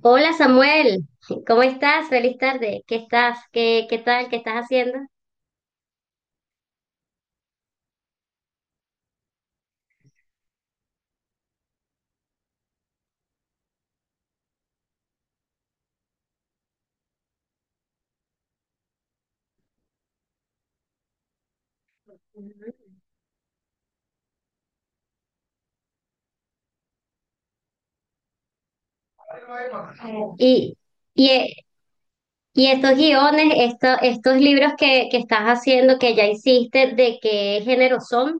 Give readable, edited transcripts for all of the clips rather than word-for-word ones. Hola Samuel, ¿cómo estás? Feliz tarde. ¿Qué estás? ¿Qué tal? ¿Qué estás haciendo? Y, y, eh, y estos guiones, estos libros que estás haciendo, que ya hiciste, ¿de qué género son?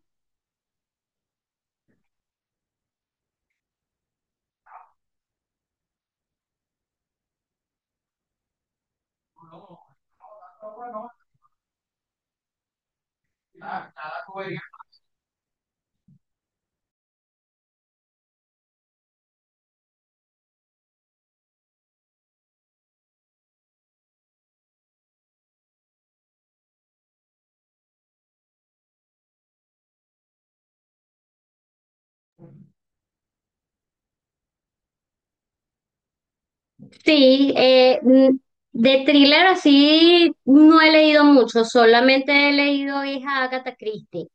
Sí, eh, mm, de thriller así no he leído mucho, solamente he leído Hija Agatha Christie,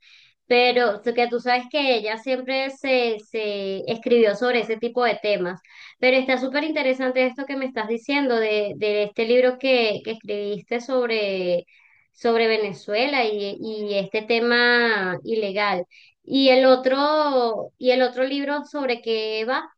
pero que tú sabes que ella siempre se escribió sobre ese tipo de temas. Pero está súper interesante esto que me estás diciendo de este libro que escribiste sobre Venezuela y este tema ilegal. ¿Y el otro libro sobre qué va?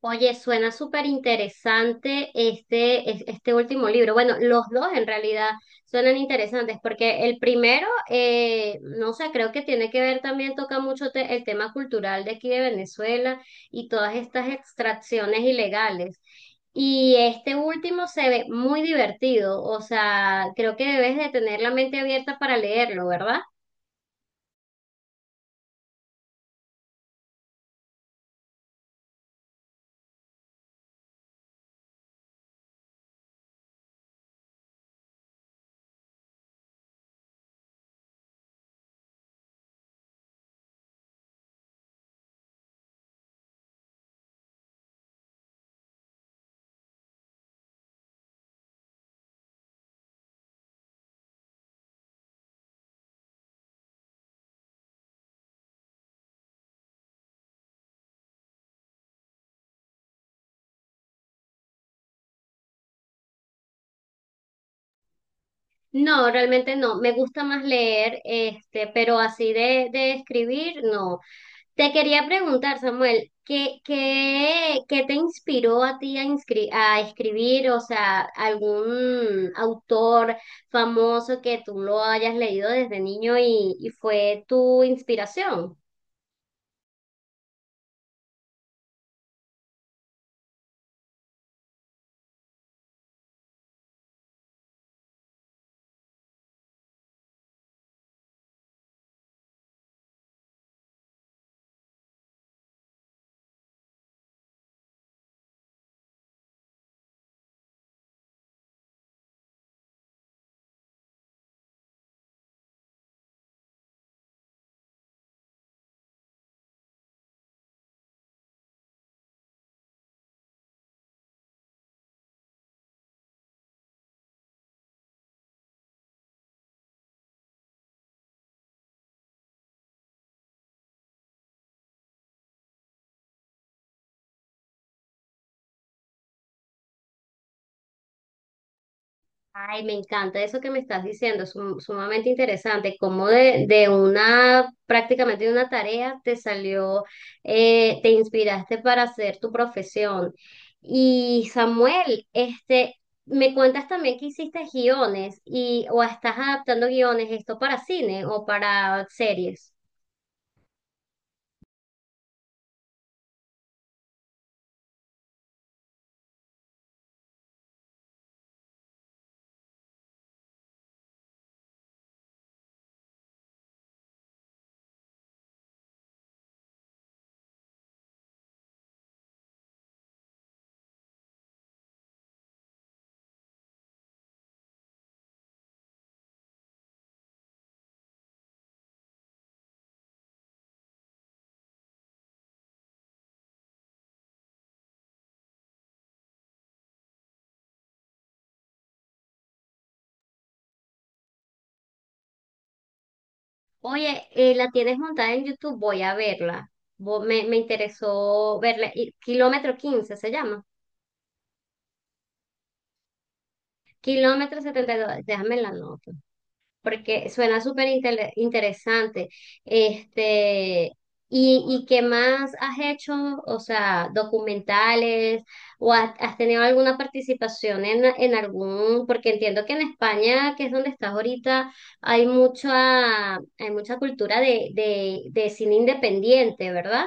Oye, suena súper interesante este, este último libro. Bueno, los dos en realidad suenan interesantes porque el primero, no sé, creo que tiene que ver también, toca mucho el tema cultural de aquí de Venezuela y todas estas extracciones ilegales. Y este último se ve muy divertido, o sea, creo que debes de tener la mente abierta para leerlo, ¿verdad? No, realmente no. Me gusta más leer, este, pero así de escribir, no. Te quería preguntar, Samuel, ¿qué te inspiró a ti a, a escribir? O sea, algún autor famoso que tú lo hayas leído desde niño y fue tu inspiración. Ay, me encanta eso que me estás diciendo, es sumamente interesante, cómo de una, prácticamente de una tarea te salió, te inspiraste para hacer tu profesión. Y Samuel, este, me cuentas también que hiciste guiones y, o estás adaptando guiones, esto para cine o para series. Oye, la tienes montada en YouTube, voy a verla. Me, me interesó verla. Kilómetro 15 se llama. Kilómetro 72, déjame la nota, porque suena súper interesante. Este, y qué más has hecho? O sea, documentales, o has, has tenido alguna participación en algún, porque entiendo que en España, que es donde estás ahorita, hay mucha cultura de cine independiente, ¿verdad?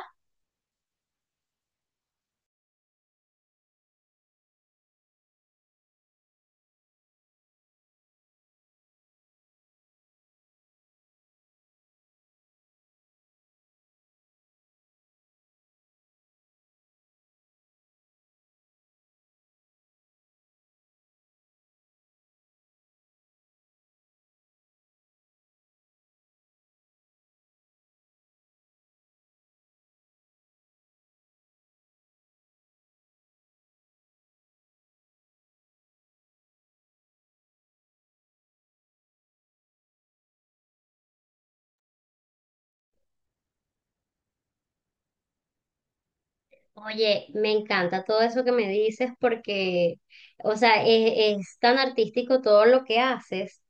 Oye, me encanta todo eso que me dices porque, o sea, es tan artístico todo lo que haces,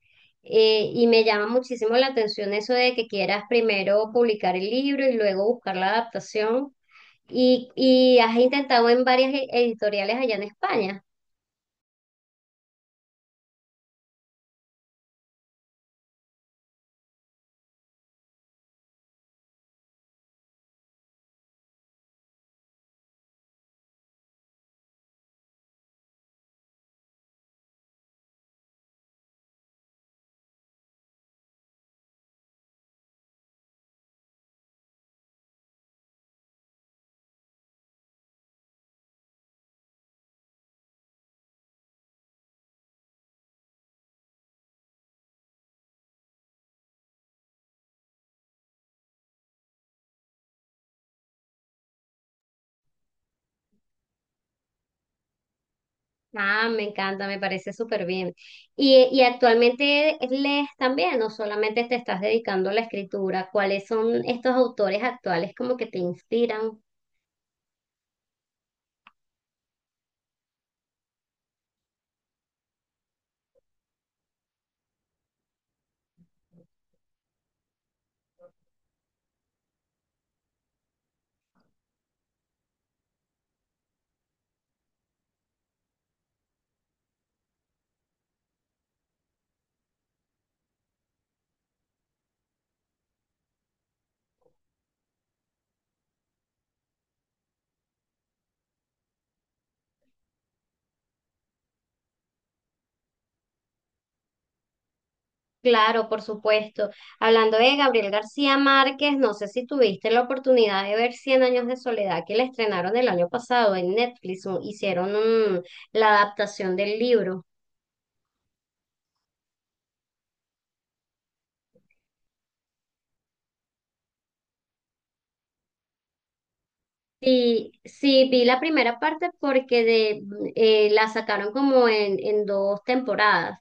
y me llama muchísimo la atención eso de que quieras primero publicar el libro y luego buscar la adaptación y has intentado en varias editoriales allá en España. Ah, me encanta, me parece súper bien. Y actualmente lees también o solamente te estás dedicando a la escritura? ¿Cuáles son estos autores actuales como que te inspiran? Claro, por supuesto. Hablando de Gabriel García Márquez, no sé si tuviste la oportunidad de ver Cien años de soledad que le estrenaron el año pasado en Netflix. Hicieron la adaptación del libro. Sí, sí, vi la primera parte porque la sacaron como en dos temporadas.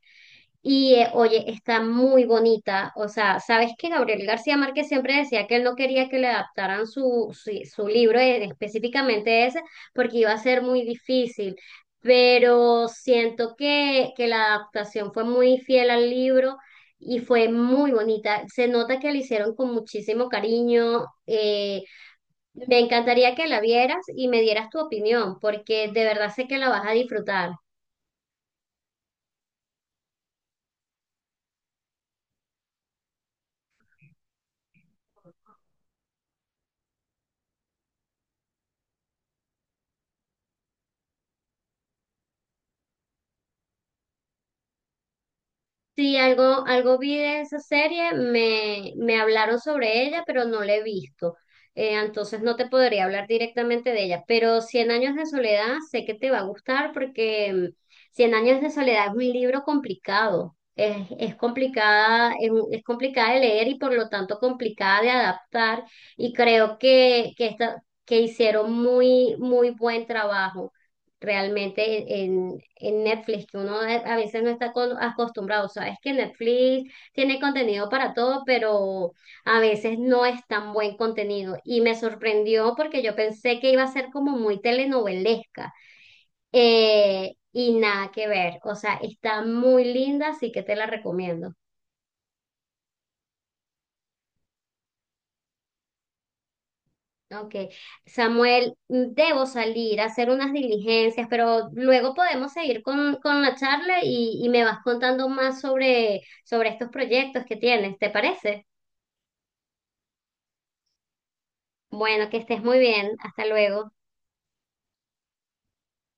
Y oye, está muy bonita. O sea, ¿sabes que Gabriel García Márquez siempre decía que él no quería que le adaptaran su libro, específicamente ese, porque iba a ser muy difícil? Pero siento que la adaptación fue muy fiel al libro y fue muy bonita. Se nota que la hicieron con muchísimo cariño. Me encantaría que la vieras y me dieras tu opinión, porque de verdad sé que la vas a disfrutar. Sí, algo, algo vi de esa serie, me hablaron sobre ella, pero no la he visto. Entonces no te podría hablar directamente de ella, pero Cien años de soledad sé que te va a gustar porque Cien años de soledad es un libro complicado. Es complicada, es, es complicada de leer y por lo tanto complicada de adaptar. Y creo que hicieron muy, muy buen trabajo realmente en Netflix, que uno a veces no está acostumbrado. O sea, es que Netflix tiene contenido para todo, pero a veces no es tan buen contenido. Y me sorprendió porque yo pensé que iba a ser como muy telenovelesca. Y nada que ver. O sea, está muy linda, así que te la recomiendo. Ok, Samuel, debo salir a hacer unas diligencias, pero luego podemos seguir con la charla y me vas contando más sobre estos proyectos que tienes, ¿te parece? Bueno, que estés muy bien, hasta luego.